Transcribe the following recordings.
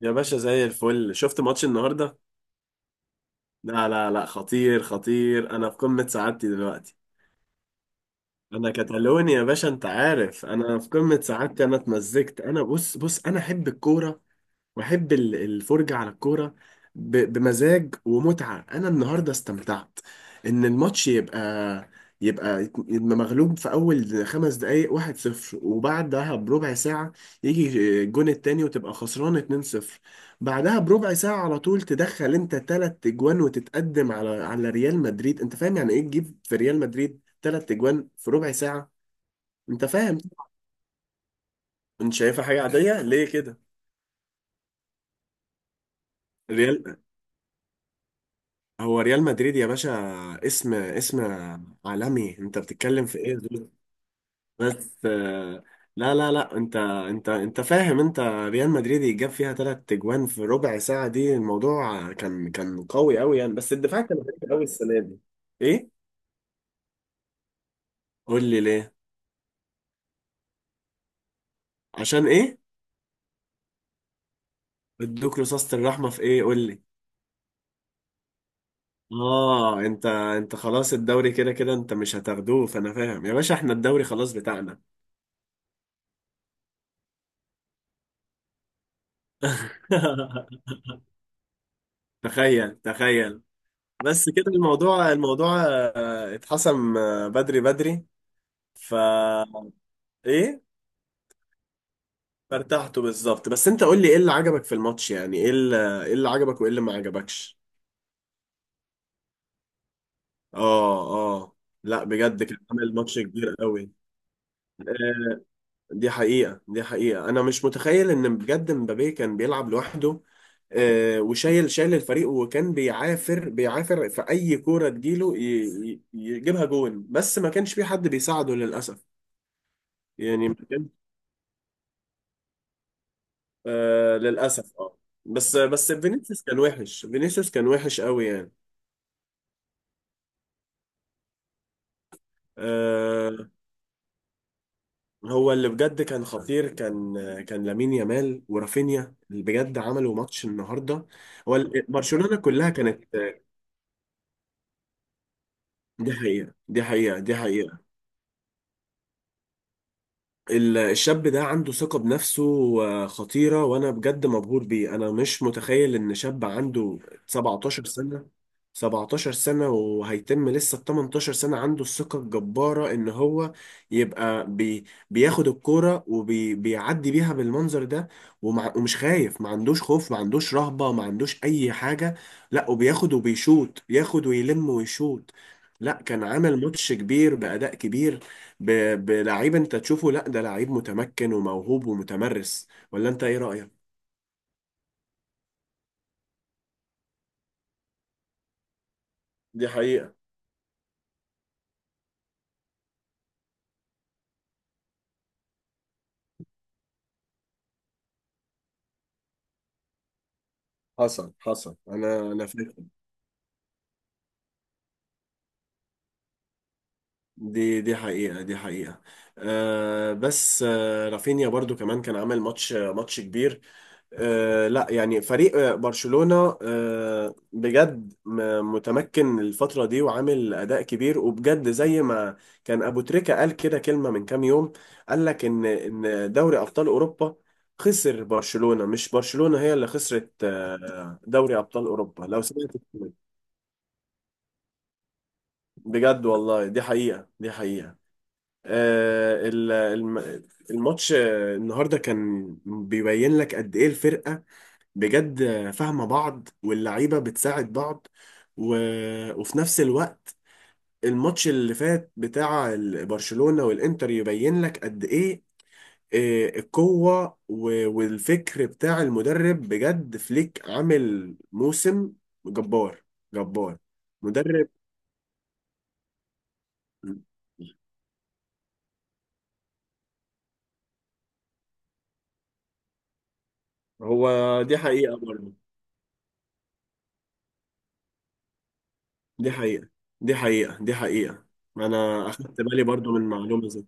يا باشا زي الفل، شفت ماتش النهارده؟ لا لا لا، خطير خطير، انا في قمة سعادتي دلوقتي. انا كتالوني يا باشا، انت عارف انا في قمة سعادتي، انا اتمزجت، انا بص بص، انا احب الكورة. واحب الفرجة على الكورة. بمزاج ومتعة، انا النهاردة استمتعت. ان الماتش يبقى يبقى مغلوب في اول 5 دقايق، 1-0، وبعدها بربع ساعة يجي الجون التاني وتبقى خسران 2-0. بعدها بربع ساعة على طول تدخل انت 3 اجوان وتتقدم على ريال مدريد. انت فاهم يعني ايه تجيب في ريال مدريد 3 اجوان في ربع ساعة؟ انت فاهم؟ انت شايفها حاجة عادية ليه كده؟ ريال هو ريال مدريد يا باشا، اسم، اسم عالمي، انت بتتكلم في ايه دول؟ بس لا لا لا، انت فاهم، انت ريال مدريد يجاب فيها 3 اجوان في ربع ساعة دي، الموضوع كان قوي قوي يعني، بس الدفاع كان غريب قوي السنة دي. ايه؟ قول لي ليه. عشان ايه؟ ادوك رصاصة الرحمة في ايه قول لي. اه، انت انت خلاص الدوري كده كده انت مش هتاخدوه، فانا فاهم يا باشا، احنا الدوري خلاص بتاعنا. تخيل، تخيل. بس كده الموضوع، الموضوع اتحسم بدري، بدري. ف ايه؟ فارتحته بالظبط. بس انت قول لي ايه اللي عجبك في الماتش؟ يعني ايه اللي، ايه اللي عجبك وايه اللي ما عجبكش؟ اه، اه. لا بجد كان عامل ماتش كبير قوي. آه، دي حقيقة، دي حقيقة، انا مش متخيل ان بجد مبابي كان بيلعب لوحده. وشايل، شايل الفريق، وكان بيعافر، بيعافر في اي كورة تجيله يجيبها جون، بس ما كانش في حد بيساعده للأسف. يعني، آه، للأسف اه. بس بس فينيسيوس كان وحش، فينيسيوس كان وحش قوي يعني. آه. هو اللي بجد كان خطير، كان لامين يامال ورافينيا اللي بجد عملوا ماتش النهارده. هو برشلونة كلها كانت، دي حقيقة، دي حقيقة، دي حقيقة. الشاب ده عنده ثقة بنفسه خطيرة. وأنا بجد مبهور بيه، أنا مش متخيل إن شاب عنده 17 سنة، 17 سنة وهيتم لسه ال 18 سنة، عنده الثقة الجبارة إن هو يبقى بياخد الكورة وبيعدي بيها بالمنظر ده. ومش خايف، ما عندوش خوف، ما عندوش رهبة، ما عندوش أي حاجة. لا، وبياخد وبيشوط، ياخد ويلم ويشوط. لا كان عمل ماتش كبير بأداء كبير. بلعيب انت تشوفه. لا ده لعيب متمكن وموهوب ومتمرس. ولا انت ايه رأيك؟ دي حقيقة. حصل، حصل. أنا فاكر. دي حقيقة، دي حقيقة. بس رافينيا برضو كمان كان عامل ماتش كبير. لا يعني فريق برشلونة بجد متمكن الفترة دي وعامل أداء كبير، وبجد زي ما كان أبو تريكة قال كده كلمة من كام يوم. قال لك إن دوري أبطال أوروبا خسر برشلونة، مش برشلونة هي اللي خسرت دوري أبطال أوروبا، لو سمعت الكلمة. بجد والله، دي حقيقة، دي حقيقة. آه، ال- الم- الماتش النهاردة كان بيبين لك قد إيه الفرقة بجد فاهمة بعض، واللعيبة بتساعد بعض. و... وفي نفس الوقت الماتش اللي فات بتاع برشلونة والإنتر يبين لك قد إيه القوة والفكر بتاع المدرب. بجد فليك عامل موسم جبار، جبار. مدرب هو دي حقيقة برضه، دي حقيقة، دي حقيقة، دي حقيقة. أنا أخدت بالي برضه من معلومة زي،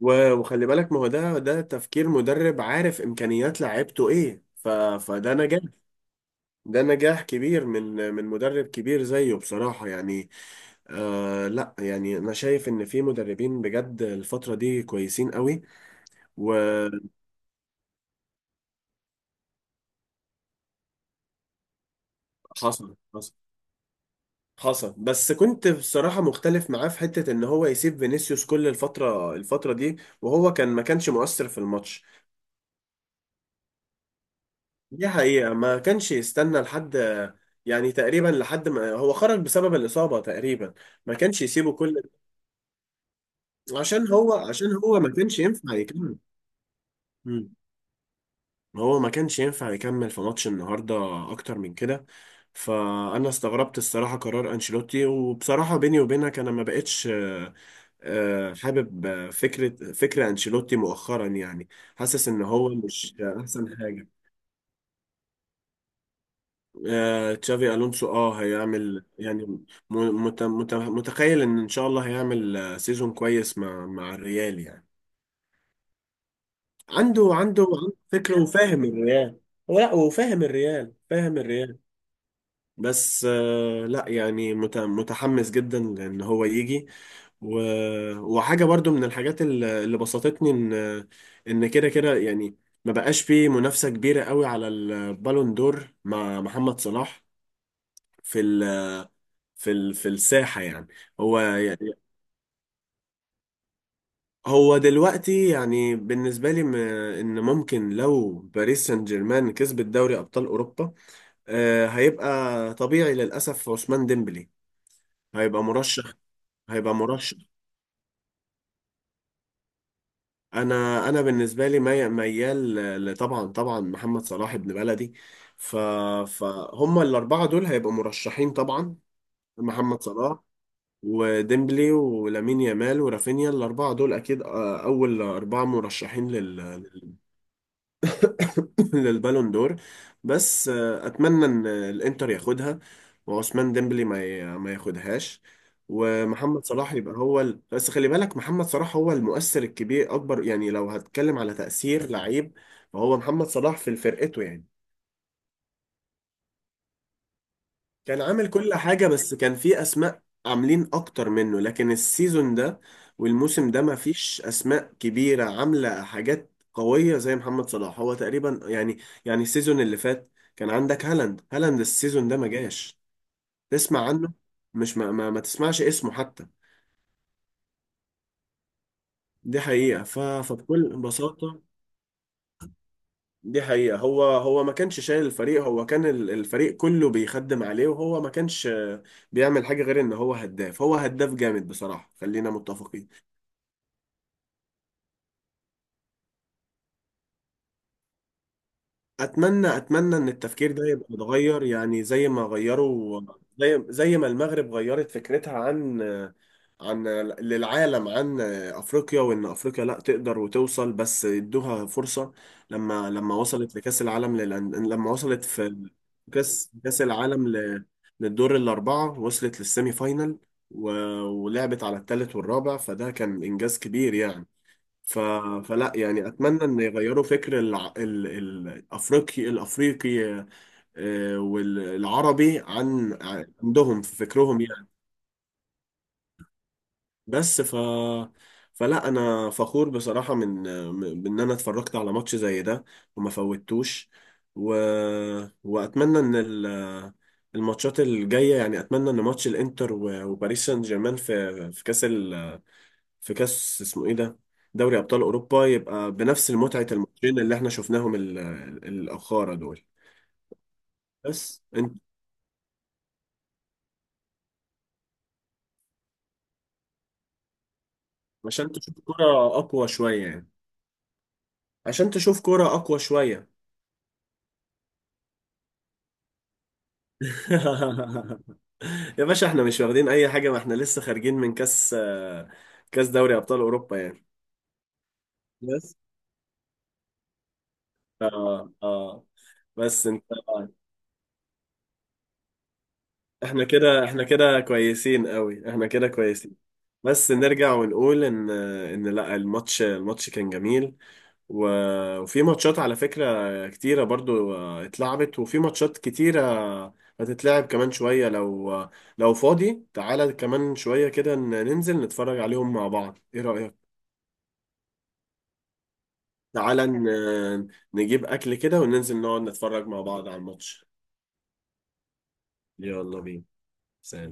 وخلي بالك ما هو ده تفكير مدرب عارف امكانيات لعيبته ايه، فده نجاح، ده نجاح كبير من مدرب كبير زيه بصراحة يعني. لا يعني انا شايف ان في مدربين بجد الفترة دي كويسين قوي. وحصل، حصل، حصل. بس كنت بصراحة مختلف معاه في حتة ان هو يسيب فينيسيوس كل الفترة دي وهو كان ما كانش مؤثر في الماتش. دي حقيقة، ما كانش يستنى لحد، يعني تقريبا لحد ما هو خرج بسبب الإصابة تقريبا، ما كانش يسيبه كل عشان هو ما كانش ينفع يكمل. مم. هو ما كانش ينفع يكمل في ماتش النهاردة أكتر من كده. فأنا استغربت الصراحة قرار أنشيلوتي. وبصراحة بيني وبينك، أنا ما بقتش حابب فكرة أنشيلوتي مؤخرا يعني، حاسس إن هو مش أحسن حاجة. تشافي الونسو اه هيعمل يعني، م- مت مت متخيل ان ان شاء الله هيعمل سيزون كويس مع الريال يعني. عنده فكره وفاهم الريال. هو لا، وفاهم الريال، فاهم الريال. بس لا يعني متحمس جدا ان هو يجي. و... وحاجة برضو من الحاجات اللي بسطتني ان، ان كده كده يعني ما بقاش فيه منافسة كبيرة قوي على البالون دور مع محمد صلاح في، في في الساحة يعني. هو هو دلوقتي يعني بالنسبة لي، ان ممكن لو باريس سان جيرمان كسبت دوري ابطال اوروبا هيبقى طبيعي للاسف عثمان ديمبلي هيبقى مرشح، هيبقى مرشح. انا بالنسبة لي ميال، طبعا طبعا محمد صلاح ابن بلدي. ف فهم الاربعة دول هيبقوا مرشحين طبعا. محمد صلاح وديمبلي ولامين يامال ورافينيا، الأربعة دول أكيد أول أربعة مرشحين للبالون دور. بس أتمنى إن الإنتر ياخدها وعثمان ديمبلي ما ياخدهاش، ومحمد صلاح يبقى هو بس خلي بالك محمد صلاح هو المؤثر الكبير، أكبر يعني لو هتكلم على تأثير لعيب فهو محمد صلاح في فرقته يعني. كان عامل كل حاجة بس كان في أسماء عاملين أكتر منه، لكن السيزون ده والموسم ده ما فيش أسماء كبيرة عاملة حاجات قوية زي محمد صلاح، هو تقريبا يعني، يعني السيزون اللي فات كان عندك هالاند، السيزون ده ما جاش، تسمع عنه، مش ما تسمعش اسمه حتى. دي حقيقة. فبكل بساطة، دي حقيقة، هو ما كانش شايل الفريق، هو كان الفريق كله بيخدم عليه، وهو ما كانش بيعمل حاجة غير ان هو هداف، هو هداف جامد بصراحة، خلينا متفقين. اتمنى ان التفكير ده يبقى متغير، يعني زي ما غيروا، زي ما المغرب غيرت فكرتها عن، عن، للعالم، عن افريقيا، وان افريقيا لا تقدر وتوصل بس ادوها فرصة. لما وصلت لكأس العالم لما وصلت في كأس، العالم للدور الأربعة، وصلت للسيمي فاينل، و... ولعبت على الثالث والرابع، فده كان إنجاز كبير يعني. ف... فلا يعني اتمنى ان يغيروا فكر الافريقي، والعربي عن عندهم في فكرهم يعني. بس ف فلا انا فخور بصراحة من، من ان انا اتفرجت على ماتش زي ده وما فوتوش، و... واتمنى ان الماتشات الجاية. يعني اتمنى ان ماتش الانتر وباريس سان جيرمان في، في كاس في كاس اسمه ايه ده، دوري ابطال اوروبا، يبقى بنفس متعه الماتشين اللي احنا شفناهم الاخاره دول. بس انت عشان تشوف كرة اقوى شويه يعني، عشان تشوف كرة اقوى شويه. يا باشا احنا مش واخدين اي حاجه، ما احنا لسه خارجين من كاس كاس دوري ابطال اوروبا يعني. بس اه، اه. بس انت احنا كده، احنا كده كويسين قوي، احنا كده كويسين. بس نرجع ونقول ان لا، الماتش كان جميل. وفي ماتشات على فكرة كتيرة برضو اتلعبت، وفي ماتشات كتيرة هتتلعب كمان شوية. لو لو فاضي تعالى كمان شوية كده، ننزل نتفرج عليهم مع بعض، ايه رأيك؟ تعالى نجيب أكل كده وننزل نقعد نتفرج مع بعض على الماتش. يلا بينا. سلام.